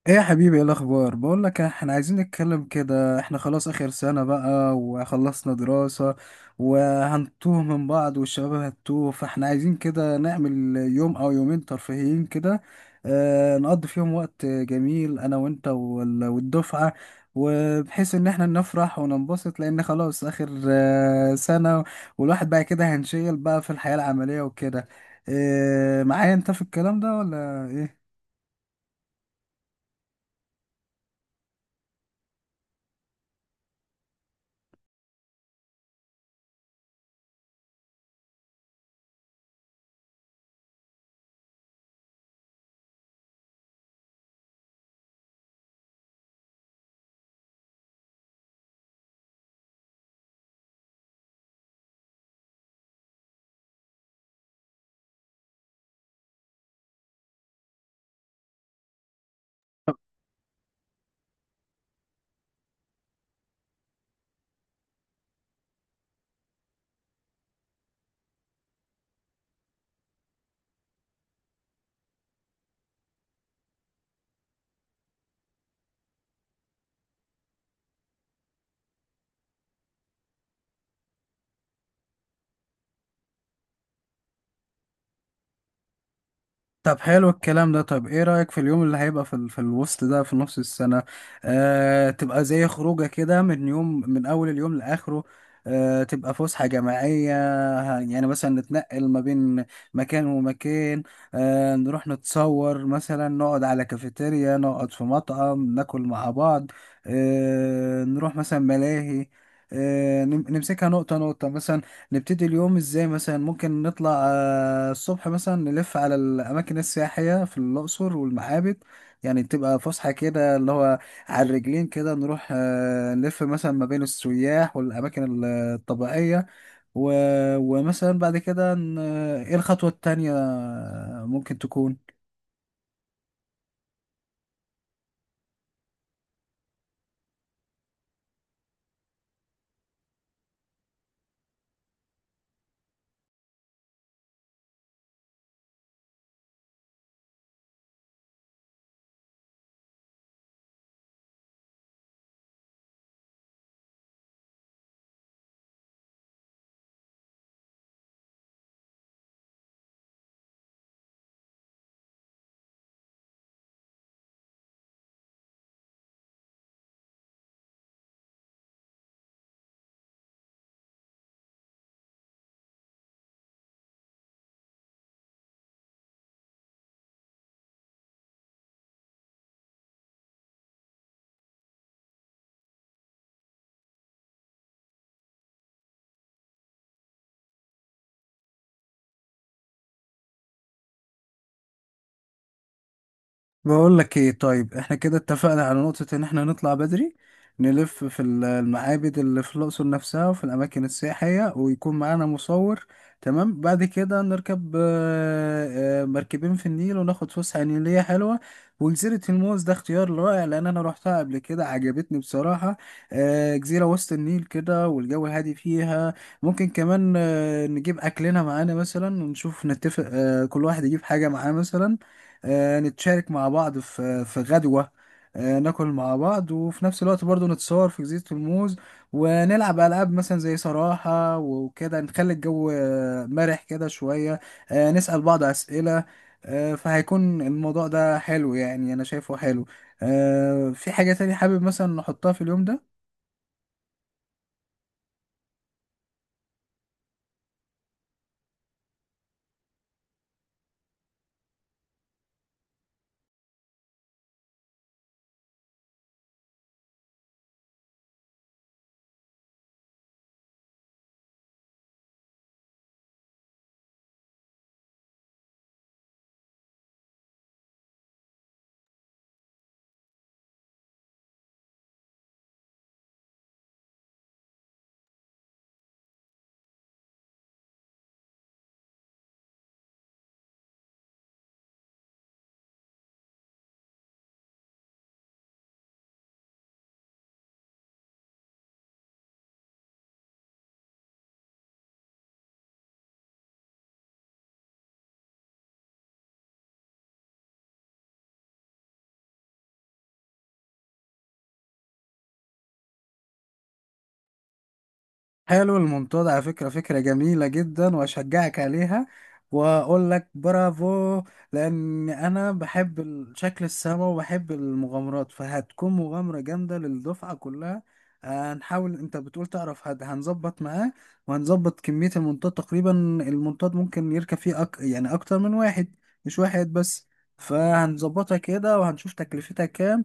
ايه يا حبيبي، ايه الاخبار؟ بقول لك، احنا عايزين نتكلم كده، احنا خلاص اخر سنة بقى وخلصنا دراسة وهنتوه من بعض والشباب هتوه، فاحنا عايزين كده نعمل يوم او يومين ترفيهيين كده. اه نقضي فيهم وقت جميل انا وانت والدفعة، وبحيث ان احنا نفرح وننبسط لان خلاص اخر سنة. والواحد بقى كده هنشيل بقى في الحياة العملية وكده. اه معايا انت في الكلام ده ولا ايه؟ طب حلو الكلام ده. طب ايه رأيك في اليوم اللي هيبقى في الوسط ده في نص السنة؟ تبقى زي خروجة كده من يوم، من أول اليوم لآخره. تبقى فسحة جماعية. يعني مثلا نتنقل ما بين مكان ومكان. نروح نتصور مثلا، نقعد على كافيتيريا، نقعد في مطعم ناكل مع بعض. نروح مثلا ملاهي. نمسكها نقطة نقطة مثلا. نبتدي اليوم ازاي؟ مثلا ممكن نطلع الصبح مثلا، نلف على الاماكن السياحيه في الاقصر والمعابد. يعني تبقى فسحه كده، اللي هو على الرجلين كده، نروح نلف مثلا ما بين السياح والاماكن الطبيعيه. ومثلا بعد كده ايه الخطوه التانية؟ ممكن تكون. بقول لك ايه؟ طيب احنا كده اتفقنا على نقطة ان احنا نطلع بدري، نلف في المعابد اللي في الأقصر نفسها وفي الأماكن السياحية، ويكون معانا مصور. تمام، بعد كده نركب مركبين في النيل وناخد فسحة نيلية حلوة. وجزيرة الموز ده اختيار رائع، لأن أنا روحتها قبل كده عجبتني بصراحة. جزيرة وسط النيل كده والجو هادي فيها. ممكن كمان نجيب أكلنا معانا مثلا، ونشوف نتفق كل واحد يجيب حاجة معاه مثلا. نتشارك مع بعض في غدوة. ناكل مع بعض، وفي نفس الوقت برضو نتصور في جزيرة الموز، ونلعب ألعاب مثلا زي صراحة وكده، نخلي الجو مرح كده شوية. نسأل بعض أسئلة. فهيكون الموضوع ده حلو، يعني أنا شايفه حلو. في حاجة تانية حابب مثلا نحطها في اليوم ده؟ حلو الموضوع ده على فكرة، فكرة جميلة جدا وأشجعك عليها، وأقول لك برافو. لأن أنا بحب شكل السما وبحب المغامرات، فهتكون مغامرة جامدة للدفعة كلها. هنحاول. أنت بتقول تعرف، هنظبط معاه وهنظبط كمية المنطاد تقريبا. المنطاد ممكن يركب فيه يعني أكتر من واحد، مش واحد بس. فهنظبطها كده وهنشوف تكلفتها كام،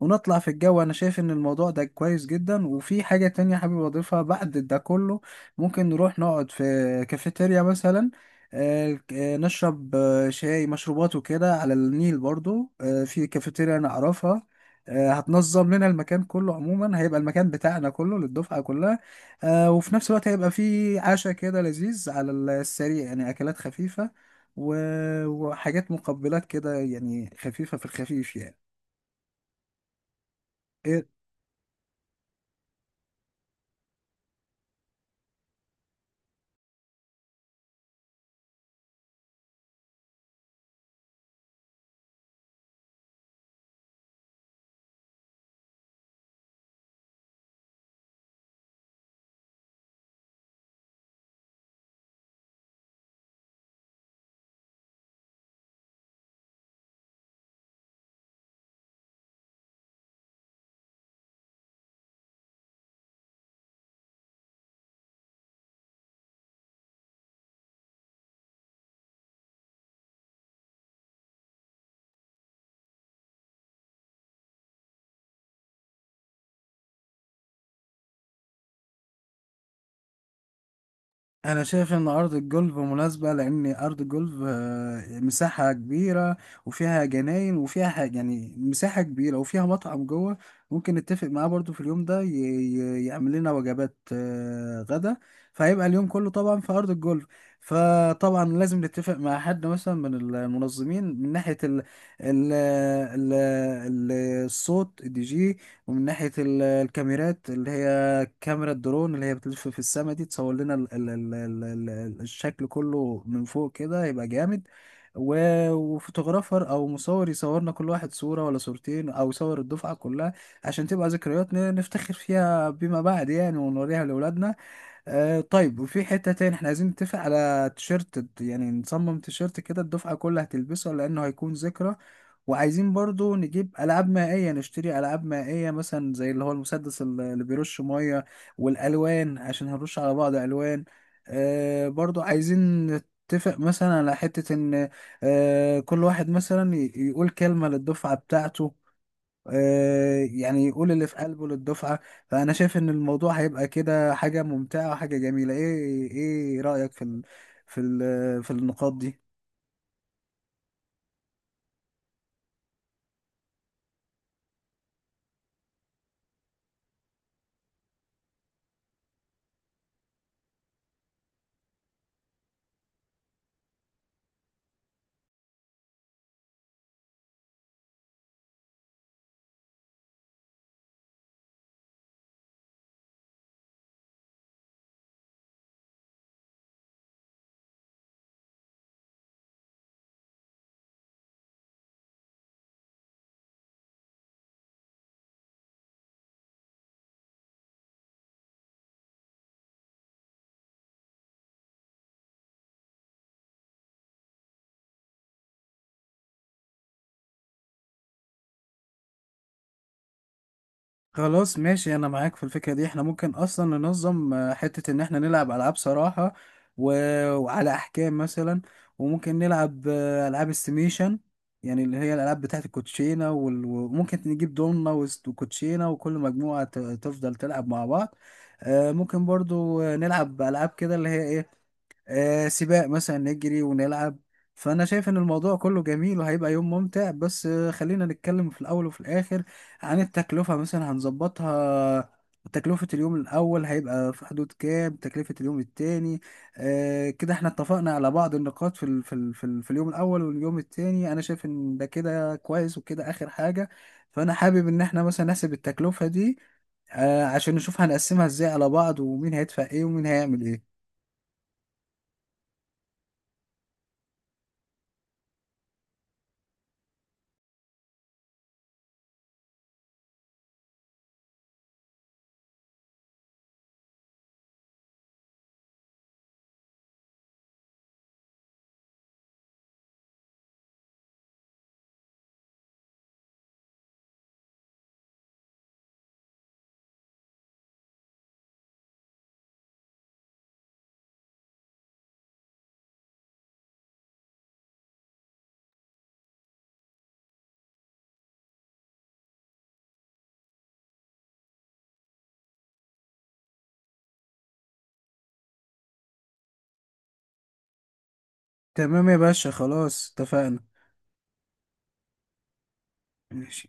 ونطلع في الجو. انا شايف ان الموضوع ده كويس جدا، وفي حاجة تانية حابب اضيفها بعد ده كله. ممكن نروح نقعد في كافيتيريا مثلا، نشرب شاي مشروبات وكده على النيل برضو، في كافيتيريا انا اعرفها. هتنظم لنا المكان كله عموما، هيبقى المكان بتاعنا كله للدفعة كلها. وفي نفس الوقت هيبقى في عشاء كده لذيذ على السريع، يعني اكلات خفيفة وحاجات مقبلات كده يعني، خفيفة في الخفيف يعني. إيه؟ انا شايف ان ارض الجولف مناسبه، لان ارض الجولف مساحه كبيره، وفيها جناين وفيها حاجة يعني، مساحه كبيره وفيها مطعم جوه. ممكن نتفق معاه برضو في اليوم ده يعمل لنا وجبات غدا. فهيبقى اليوم كله طبعا في ارض الجولف. فطبعا لازم نتفق مع حد مثلا من المنظمين، من ناحيه ال ال ال- الصوت الدي جي، ومن ناحيه الكاميرات، اللي هي كاميرا الدرون اللي هي بتلف في السما دي، تصور لنا الشكل كله من فوق كده، يبقى جامد. وفوتوغرافر او مصور يصورنا كل واحد صورة ولا صورتين، او يصور الدفعة كلها، عشان تبقى ذكريات نفتخر فيها بما بعد يعني، ونوريها لاولادنا. طيب، وفي حتة تاني احنا عايزين نتفق على تيشيرت، يعني نصمم تيشيرت كده الدفعة كلها هتلبسه لانه هيكون ذكرى. وعايزين برضو نجيب ألعاب مائية، نشتري ألعاب مائية مثلا زي اللي هو المسدس اللي بيرش مية، والألوان، عشان هنرش على بعض ألوان. برضو عايزين نتفق مثلا على حتة إن كل واحد مثلا يقول كلمة للدفعة بتاعته، يعني يقول اللي في قلبه للدفعة. فأنا شايف إن الموضوع هيبقى كده حاجة ممتعة وحاجة جميلة. إيه رأيك في النقاط دي؟ خلاص، ماشي، انا معاك في الفكرة دي. احنا ممكن اصلا ننظم حتة ان احنا نلعب العاب صراحة و... وعلى احكام مثلا. وممكن نلعب العاب استيميشن، يعني اللي هي الالعاب بتاعت الكوتشينة وممكن نجيب دومنا وكوتشينة، وكل مجموعة تفضل تلعب مع بعض. ممكن برضو نلعب العاب كده، اللي هي ايه، سباق مثلا، نجري ونلعب. فأنا شايف إن الموضوع كله جميل وهيبقى يوم ممتع، بس خلينا نتكلم في الأول وفي الآخر عن التكلفة مثلا هنظبطها. تكلفة اليوم الأول هيبقى في حدود كام؟ تكلفة اليوم التاني؟ كده احنا اتفقنا على بعض النقاط في اليوم الأول واليوم التاني. أنا شايف إن ده كده كويس وكده آخر حاجة. فأنا حابب إن احنا مثلا نحسب التكلفة دي، عشان نشوف هنقسمها ازاي على بعض، ومين هيدفع ايه ومين هيعمل ايه. تمام يا باشا، خلاص اتفقنا. ماشي.